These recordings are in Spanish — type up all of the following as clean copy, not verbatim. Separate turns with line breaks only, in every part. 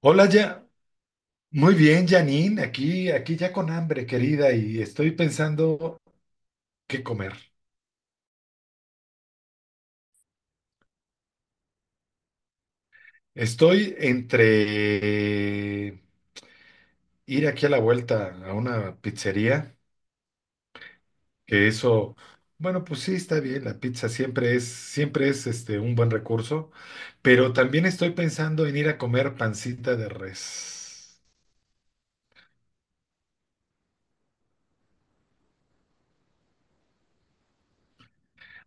Hola, ya. Muy bien, Janine. Aquí ya con hambre, querida, y estoy pensando qué comer. Estoy entre ir aquí a la vuelta a una pizzería, que eso, bueno, pues sí, está bien. La pizza siempre es un buen recurso, pero también estoy pensando en ir a comer pancita de res.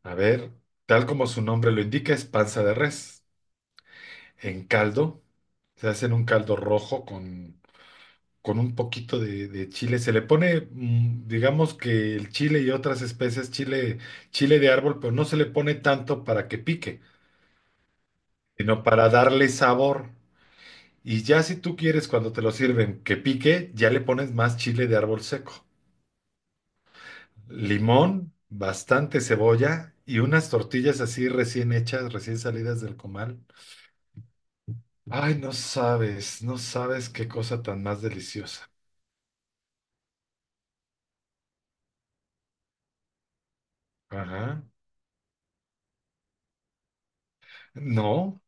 A ver, tal como su nombre lo indica, es panza de res en caldo. Se hacen un caldo rojo con un poquito de chile. Se le pone, digamos que el chile y otras especies, chile, chile de árbol, pero no se le pone tanto para que pique, sino para darle sabor. Y ya si tú quieres cuando te lo sirven que pique, ya le pones más chile de árbol seco. Limón, bastante cebolla y unas tortillas así recién hechas, recién salidas del comal. Ay, no sabes, no sabes qué cosa tan más deliciosa. Ajá. No,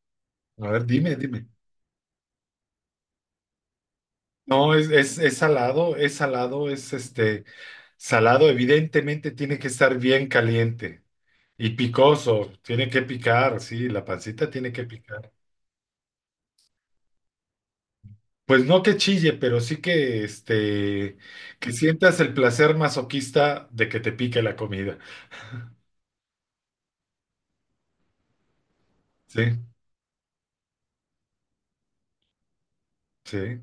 a ver, dime, dime. No, es salado, es salado, es salado, evidentemente tiene que estar bien caliente y picoso, tiene que picar, sí, la pancita tiene que picar. Pues no que chille, pero sí que sientas el placer masoquista de que te pique la comida. Sí, sí.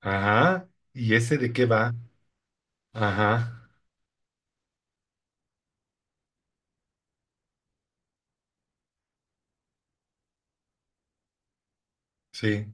Ajá. ¿Y ese de qué va? Ajá. Sí,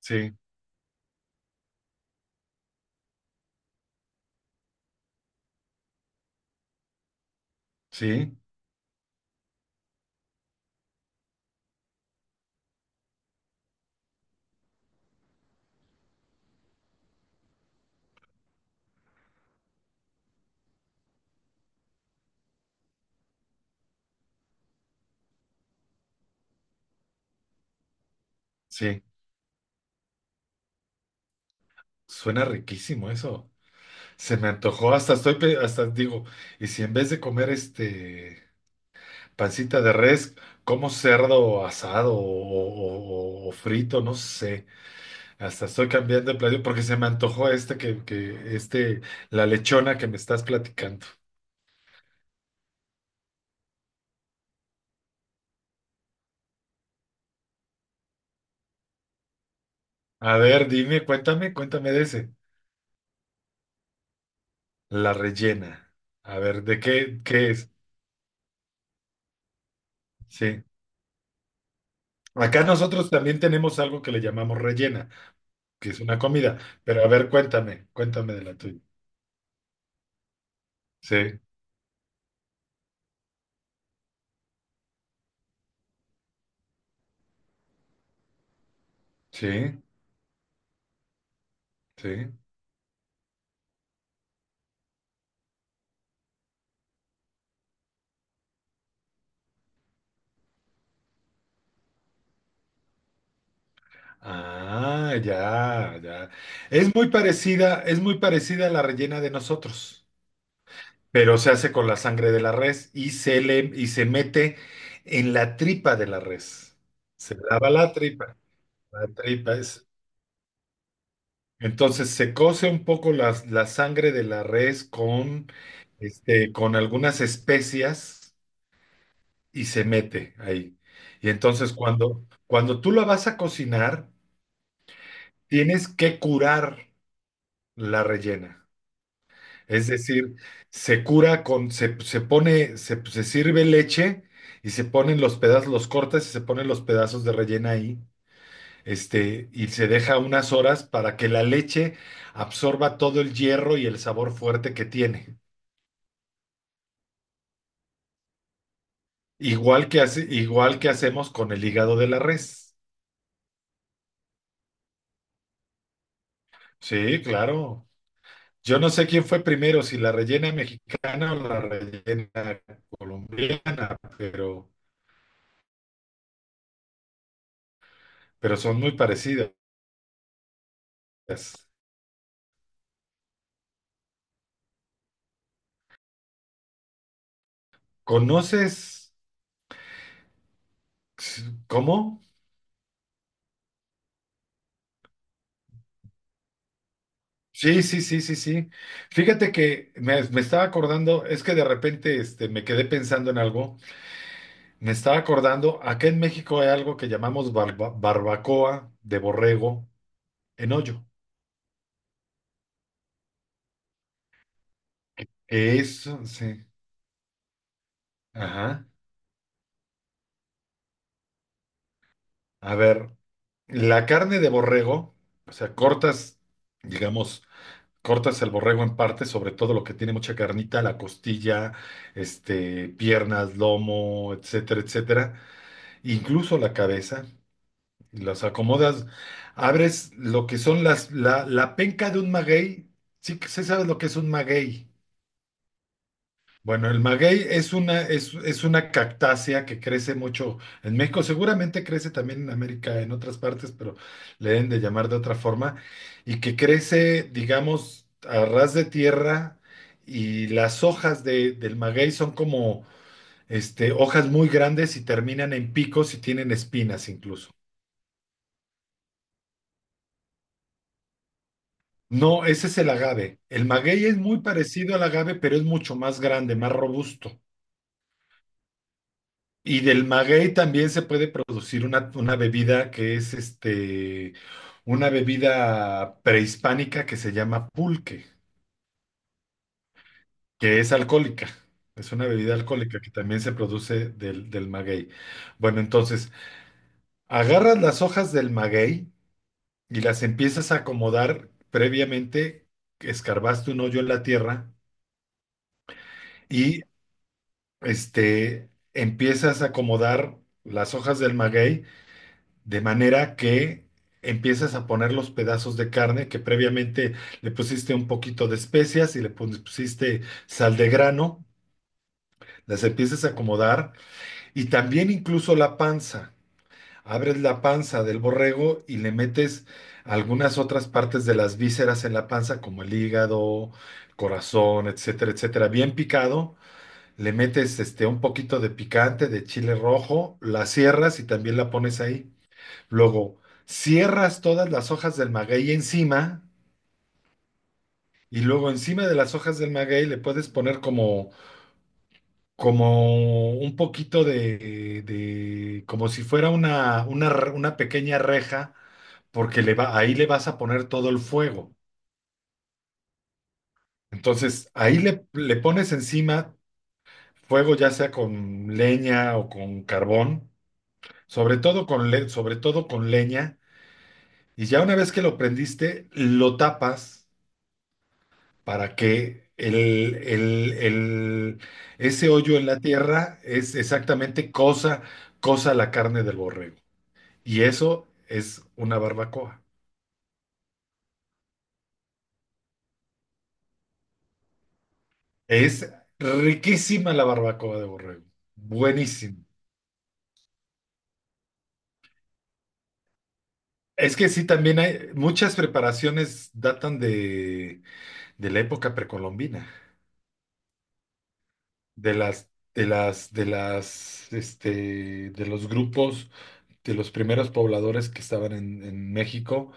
sí, sí, sí. Suena riquísimo eso. Se me antojó, hasta estoy, hasta digo, y si en vez de comer pancita de res, como cerdo asado o frito, no sé, hasta estoy cambiando de platillo porque se me antojó la lechona que me estás platicando. A ver, dime, cuéntame, cuéntame de ese. La rellena. A ver, ¿de qué, qué es? Sí. Acá nosotros también tenemos algo que le llamamos rellena, que es una comida, pero a ver, cuéntame, cuéntame de la tuya. Sí, sí. Sí. Ah, ya, ya. Es muy parecida a la rellena de nosotros, pero se hace con la sangre de la res y se mete en la tripa de la res. Se lava la tripa. La tripa es. Entonces se cose un poco la sangre de la res con algunas especias y se mete ahí. Y entonces cuando tú la vas a cocinar, tienes que curar la rellena. Es decir, se cura con, se pone, se sirve leche y se ponen los pedazos, los cortas y se ponen los pedazos de rellena ahí, y se deja unas horas para que la leche absorba todo el hierro y el sabor fuerte que tiene. Igual que hacemos con el hígado de la res. Sí, claro. Yo no sé quién fue primero, si la rellena mexicana o la rellena colombiana, pero son muy parecidas. ¿Conoces? ¿Cómo? Sí, sí, sí, sí, sí. Fíjate que me estaba acordando, es que de repente me quedé pensando en algo. Me estaba acordando, acá en México hay algo que llamamos barbacoa de borrego en hoyo. Eso, sí. Ajá. A ver, la carne de borrego, o sea, cortas, digamos, cortas el borrego en partes, sobre todo lo que tiene mucha carnita, la costilla, piernas, lomo, etcétera, etcétera. Incluso la cabeza, las acomodas, abres lo que son la penca de un maguey. Sí, que sí sabes lo que es un maguey. Bueno, el maguey es es una cactácea que crece mucho en México, seguramente crece también en América, en otras partes, pero le deben de llamar de otra forma, y que crece, digamos, a ras de tierra, y las hojas del maguey son como hojas muy grandes y terminan en picos y tienen espinas incluso. No, ese es el agave. El maguey es muy parecido al agave, pero es mucho más grande, más robusto. Y del maguey también se puede producir una bebida que una bebida prehispánica que se llama pulque, que es alcohólica. Es una bebida alcohólica que también se produce del maguey. Bueno, entonces, agarras las hojas del maguey y las empiezas a acomodar previamente, escarbaste un hoyo en la tierra y empiezas a acomodar las hojas del maguey de manera que empiezas a poner los pedazos de carne que previamente le pusiste un poquito de especias y le pusiste sal de grano, las empiezas a acomodar y también incluso la panza. Abres la panza del borrego y le metes algunas otras partes de las vísceras en la panza, como el hígado, corazón, etcétera, etcétera, bien picado le metes un poquito de picante, de chile rojo, la cierras y también la pones ahí. Luego, cierras todas las hojas del maguey encima y luego encima de las hojas del maguey le puedes poner como, como un poquito como si fuera una pequeña reja, porque le va, ahí le vas a poner todo el fuego. Entonces, ahí le pones encima fuego, ya sea con leña o con carbón. Sobre todo con leña, y ya una vez que lo prendiste, lo tapas para que el- el- ese hoyo en la tierra es exactamente cosa, cosa la carne del borrego. Y eso es una barbacoa. Es riquísima la barbacoa de borrego. Buenísimo. Es que sí, también hay muchas preparaciones datan de la época precolombina. De de los grupos, de los primeros pobladores que estaban en México,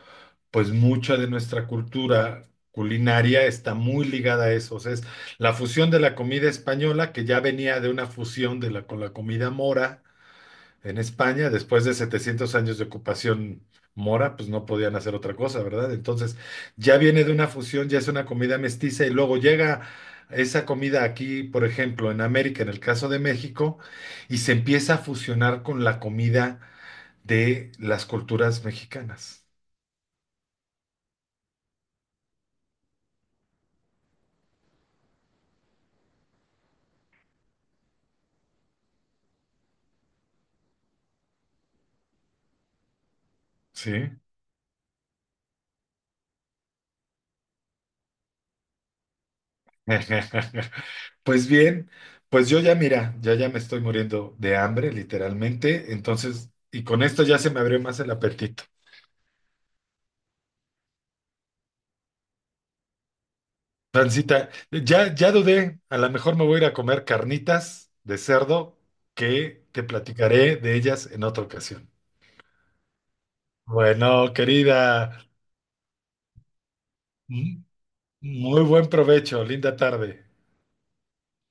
pues mucha de nuestra cultura culinaria está muy ligada a eso. O sea, es la fusión de la comida española, que ya venía de una fusión con la comida mora en España, después de 700 años de ocupación mora, pues no podían hacer otra cosa, ¿verdad? Entonces, ya viene de una fusión, ya es una comida mestiza y luego llega esa comida aquí, por ejemplo, en América, en el caso de México, y se empieza a fusionar con la comida de las culturas mexicanas. ¿Sí? Pues bien, pues yo ya mira, ya me estoy muriendo de hambre, literalmente, entonces, y con esto ya se me abrió más el apetito. Francita, ya, ya dudé, a lo mejor me voy a ir a comer carnitas de cerdo que te platicaré de ellas en otra ocasión. Bueno, querida, m- muy buen provecho, linda tarde.